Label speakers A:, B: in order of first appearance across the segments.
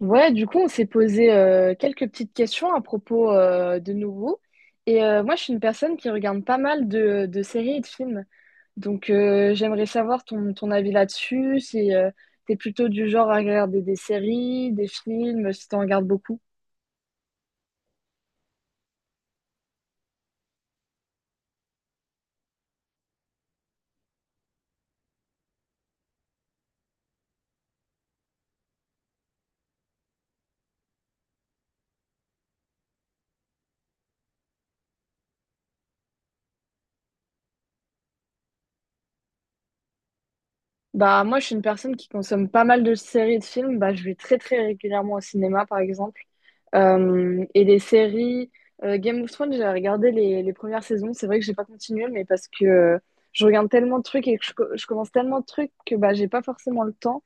A: Ouais, du coup, on s'est posé quelques petites questions à propos de nouveau. Et moi, je suis une personne qui regarde pas mal de séries et de films. Donc, j'aimerais savoir ton avis là-dessus, si t'es plutôt du genre à regarder des séries, des films, si t'en regardes beaucoup. Bah, moi, je suis une personne qui consomme pas mal de séries et de films. Bah, je vais très, très régulièrement au cinéma, par exemple. Et les séries, Game of Thrones, j'ai regardé les premières saisons. C'est vrai que j'ai pas continué, mais parce que je regarde tellement de trucs et que je commence tellement de trucs que bah, j'ai pas forcément le temps.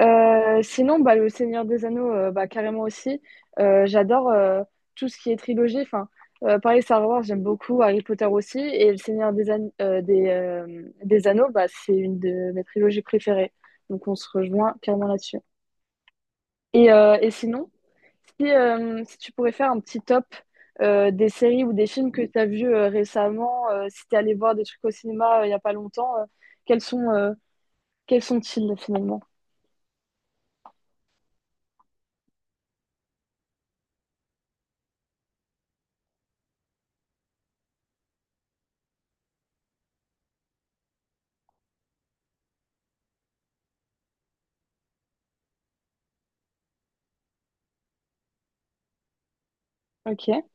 A: Sinon, le Seigneur des Anneaux, bah, carrément aussi. J'adore tout ce qui est trilogie. Enfin, pareil, Star Wars, j'aime beaucoup, Harry Potter aussi. Et le Seigneur des Anneaux, bah, c'est une de mes trilogies préférées. Donc, on se rejoint carrément là-dessus. Et sinon, si, si tu pourrais faire un petit top des séries ou des films que tu as vus récemment, si tu es allé voir des trucs au cinéma il y a pas longtemps, quels sont, euh, quels sont-ils finalement? Ok.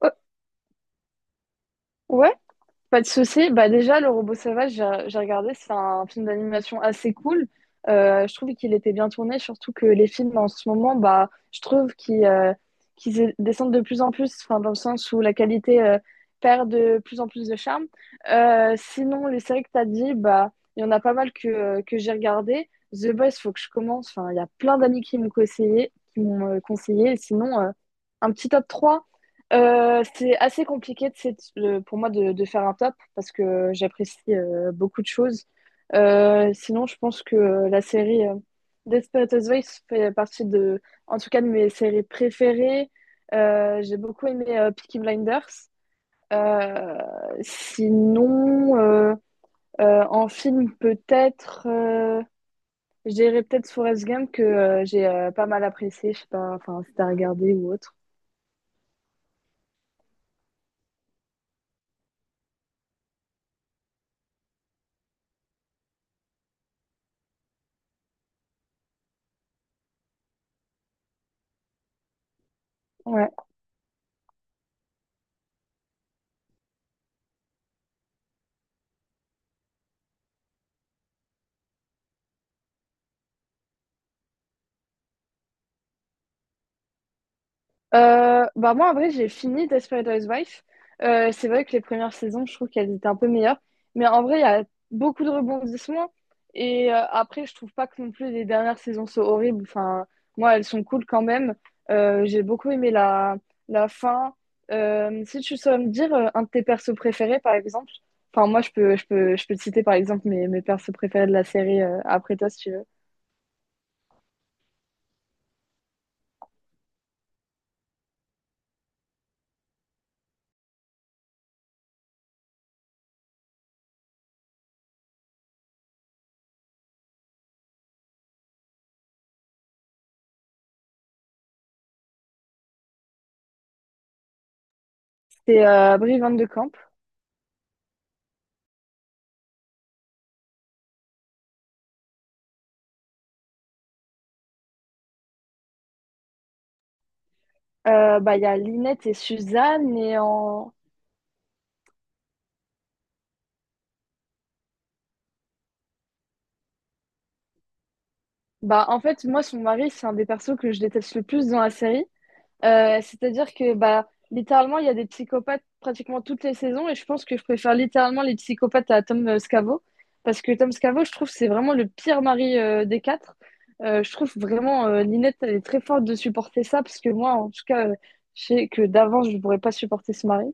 A: Oh, ouais? Pas de souci. Bah déjà, Le Robot Sauvage, j'ai regardé, c'est un film d'animation assez cool. Je trouve qu'il était bien tourné, surtout que les films en ce moment, bah, je trouve qu'ils descendent de plus en plus, enfin, dans le sens où la qualité perd de plus en plus de charme. Sinon, les séries que tu as dit, bah, il y en a pas mal que j'ai regardé. The Boys, faut que je commence. Enfin, il y a plein d'amis qui m'ont conseillé, qui m'ont conseillé. Sinon, un petit top 3. C'est assez compliqué de pour moi de faire un top parce que j'apprécie beaucoup de choses. Sinon, je pense que la série Desperate Housewives fait partie de, en tout cas, de mes séries préférées. J'ai beaucoup aimé Peaky Blinders. Euh, sinon, euh, en film, peut-être, je dirais peut-être Forrest Gump que j'ai pas mal apprécié. Je sais pas, enfin, si t'as regardé ou autre. Ouais. Bah, moi, en vrai, j'ai fini Desperate Housewives. C'est vrai que les premières saisons, je trouve qu'elles étaient un peu meilleures. Mais en vrai, il y a beaucoup de rebondissements et après, je trouve pas que non plus les dernières saisons soient horribles. Enfin, moi, elles sont cool quand même. J'ai beaucoup aimé la fin. Si tu saurais me dire, un de tes persos préférés, par exemple? Enfin, moi, je peux te citer, par exemple, mes persos préférés de la série, après toi, si tu veux. C'est, Brie Van de Camp. Bah, il y a Lynette et Suzanne et en Bah, en fait, moi, son mari, c'est un des persos que je déteste le plus dans la série. C'est-à-dire que, bah, littéralement, il y a des psychopathes pratiquement toutes les saisons et je pense que je préfère littéralement les psychopathes à Tom Scavo. Parce que Tom Scavo, je trouve, c'est vraiment le pire mari des quatre. Je trouve vraiment, Ninette, elle est très forte de supporter ça parce que moi, en tout cas, je sais que d'avance, je ne pourrais pas supporter ce mari.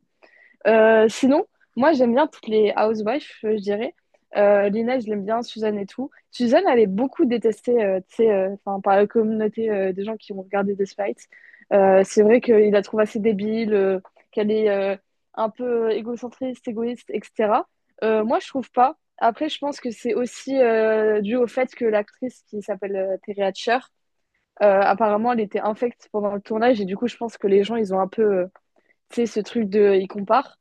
A: Sinon, moi, j'aime bien toutes les housewives, je dirais. Lina, je l'aime bien, Suzanne et tout. Suzanne, elle est beaucoup détestée, tu sais, enfin, par la communauté des gens qui ont regardé The fight. C'est vrai qu'il la trouve assez débile, qu'elle est un peu égocentriste, égoïste, etc. Moi, je trouve pas. Après, je pense que c'est aussi dû au fait que l'actrice qui s'appelle Terry Hatcher, apparemment, elle était infecte pendant le tournage et du coup, je pense que les gens, ils ont un peu, tu sais, ce truc de, ils comparent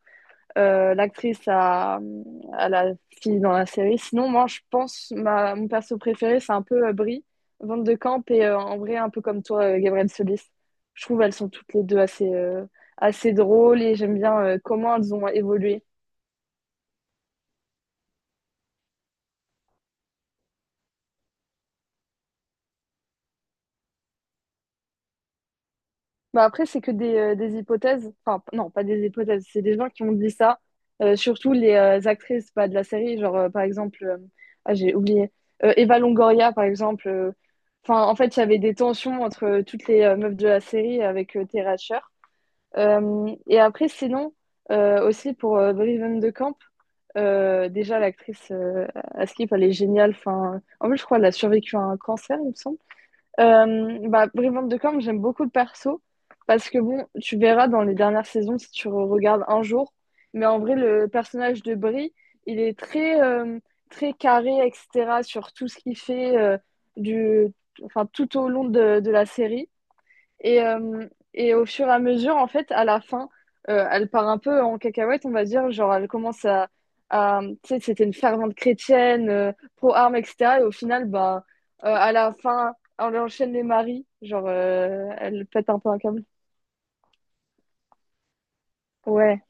A: l'actrice à la fille dans la série. Sinon, moi, je pense mon perso préféré, c'est un peu Brie, Van de Camp, et en vrai, un peu comme toi, Gabrielle Solis. Je trouve elles sont toutes les deux assez, assez drôles et j'aime bien comment elles ont évolué. Bah après, c'est que des hypothèses. Enfin, non, pas des hypothèses. C'est des gens qui ont dit ça. Surtout les actrices pas de la série. Genre, par exemple, ah, j'ai oublié. Eva Longoria, par exemple. Euh, enfin, en fait, il y avait des tensions entre toutes les meufs de la série avec Tara Sher. Et après, sinon, aussi pour Breven de Camp, déjà, l'actrice Askip, elle est géniale. Enfin, en plus, je crois qu'elle a survécu à un cancer, il me semble. Bah, Brivante de Corne, j'aime beaucoup le perso parce que bon, tu verras dans les dernières saisons si regardes un jour, mais en vrai, le personnage de Bri, il est très, très carré, etc., sur tout ce qu'il fait du, enfin, tout au long de la série. Et, euh, et au fur et à mesure, en fait, à la fin, elle part un peu en cacahuète, on va dire. Genre, elle commence à. À- tu sais, c'était une fervente chrétienne, pro-armes, etc. Et au final, bah, à la fin, elle enchaîne les maris. Genre, elle pète un peu un câble. Ouais.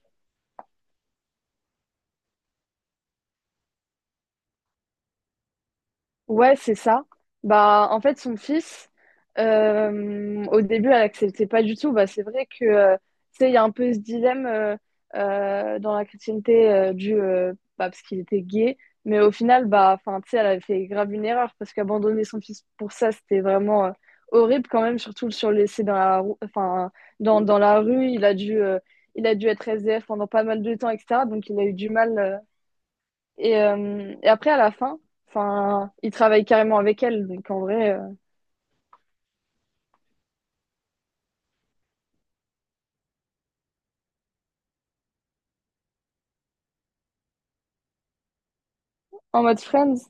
A: Ouais, c'est ça. Bah, en fait, son fils, au début, elle acceptait pas du tout. Bah, c'est vrai que, tu sais, il y a un peu ce dilemme dans la chrétienté bah, parce qu'il était gay. Mais au final, bah, enfin, tu sais, elle avait fait grave une erreur parce qu'abandonner son fils pour ça, c'était vraiment horrible quand même, surtout sur le laisser dans la enfin, dans la rue. Il a dû être SDF pendant pas mal de temps, etc. Donc, il a eu du mal. Et après, à la fin, enfin, il travaille carrément avec elle. Donc, en vrai, en mode Friends.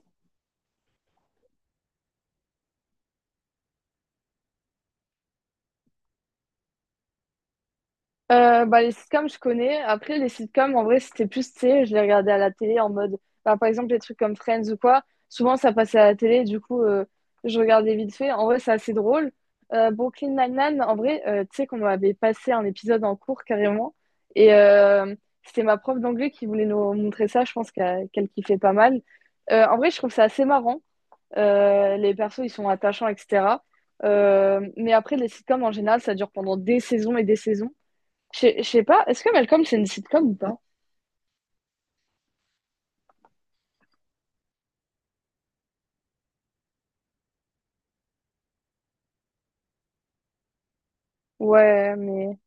A: Bah, les sitcoms, je connais. Après, les sitcoms, en vrai, c'était plus, tu sais, je les regardais à la télé en mode, bah, par exemple, les trucs comme Friends ou quoi. Souvent, ça passait à la télé. Du coup, je regardais vite fait. En vrai, c'est assez drôle. Brooklyn Nine-Nine, en vrai, tu sais qu'on avait passé un épisode en cours carrément. Et c'était ma prof d'anglais qui voulait nous montrer ça. Je pense qu'elle kiffait pas mal. En vrai, je trouve ça assez marrant. Les persos, ils sont attachants, etc. Mais après, les sitcoms, en général, ça dure pendant des saisons et des saisons. Je sais pas, est-ce que Malcolm, c'est une sitcom ou pas? Ouais, mais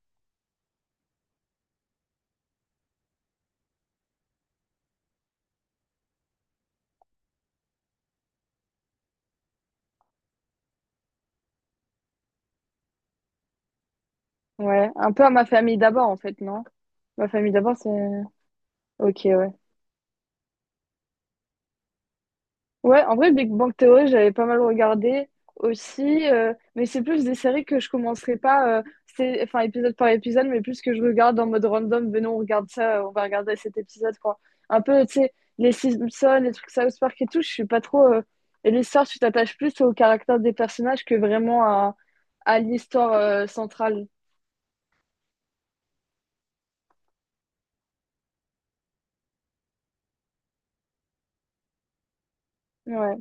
A: ouais, un peu à ma famille d'abord, en fait, non? Ma famille d'abord, c'est... Ok, ouais. Ouais, en vrai, Big Bang Theory, j'avais pas mal regardé aussi, mais c'est plus des séries que je commencerai pas, c'est, enfin, épisode par épisode, mais plus que je regarde en mode random, venons, on regarde ça, on va regarder cet épisode, quoi. Un peu, tu sais, les Simpsons, les trucs South Park et tout, je suis pas trop... Et l'histoire, tu t'attaches plus au caractère des personnages que vraiment à l'histoire, centrale. Ouais.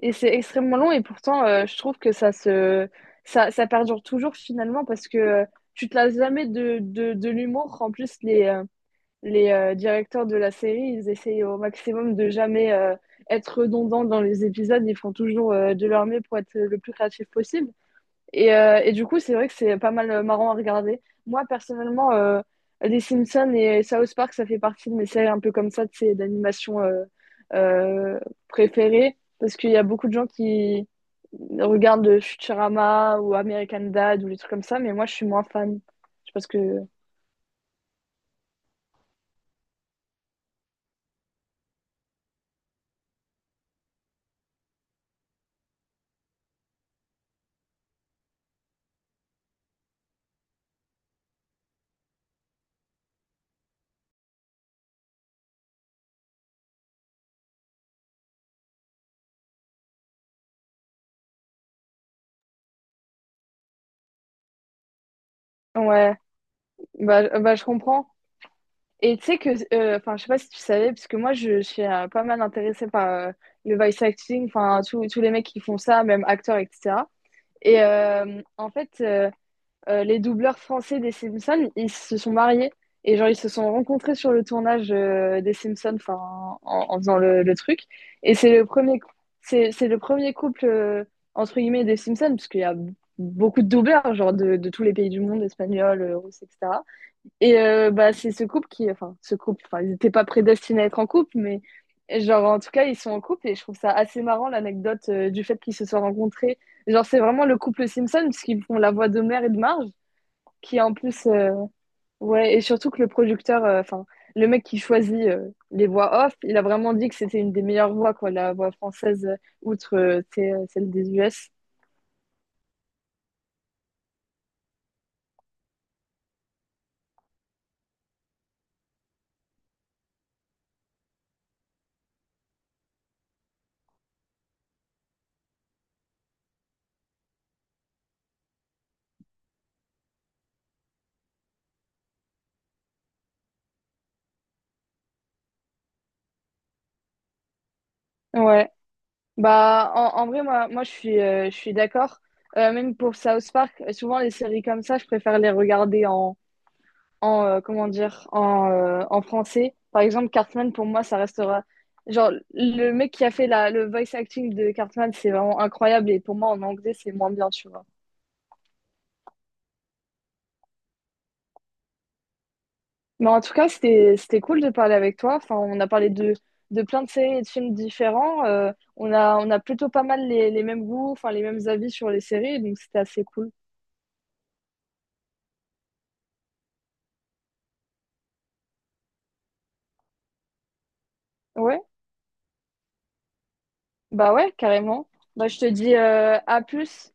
A: Et c'est extrêmement long et pourtant je trouve que ça, ça perdure toujours finalement parce que tu te lasses jamais de l'humour. En plus les directeurs de la série, ils essayent au maximum de jamais être redondants dans les épisodes, ils font toujours de leur mieux pour être le plus créatif possible. Et du coup, c'est vrai que c'est pas mal marrant à regarder. Moi, personnellement, les Simpsons et South Park, ça fait partie de mes séries un peu comme ça, de ces d'animation euh, préférées. Parce qu'il y a beaucoup de gens qui regardent Futurama ou American Dad ou les trucs comme ça, mais moi, je suis moins fan. Je pense que... Ouais, bah je comprends. Et tu sais que... Enfin, je sais pas si tu savais, parce que moi, je suis pas mal intéressée par le voice acting, enfin, tous les mecs qui font ça, même acteurs, etc. En fait, les doubleurs français des Simpsons, ils se sont mariés. Et genre, ils se sont rencontrés sur le tournage des Simpsons, enfin, en faisant le truc. Et c'est le premier, cou- c'est le premier couple, entre guillemets, des Simpsons, parce qu'il y a beaucoup de doubleurs, genre de tous les pays du monde, espagnols, russes, etc. Bah, c'est ce couple qui, enfin, ce couple, enfin, ils n'étaient pas prédestinés à être en couple, mais genre, en tout cas, ils sont en couple et je trouve ça assez marrant l'anecdote du fait qu'ils se soient rencontrés. Genre, c'est vraiment le couple Simpson, puisqu'ils font la voix de mère et de Marge, qui en plus, ouais, et surtout que le producteur, enfin, le mec qui choisit les voix off, il a vraiment dit que c'était une des meilleures voix, quoi, la voix française, outre tu sais, celle des US. Ouais. Bah, en vrai, moi je suis d'accord. Même pour South Park, souvent les séries comme ça, je préfère les regarder en en français. Par exemple, Cartman, pour moi, ça restera. Genre, le mec qui a fait le voice acting de Cartman, c'est vraiment incroyable. Et pour moi, en anglais, c'est moins bien, tu vois. Mais en tout cas, c'était cool de parler avec toi. Enfin, on a parlé de plein de séries et de films différents. On a plutôt pas mal les mêmes goûts, enfin, les mêmes avis sur les séries. Donc, c'était assez cool. Ouais. Bah ouais, carrément. Bah, je te dis à plus.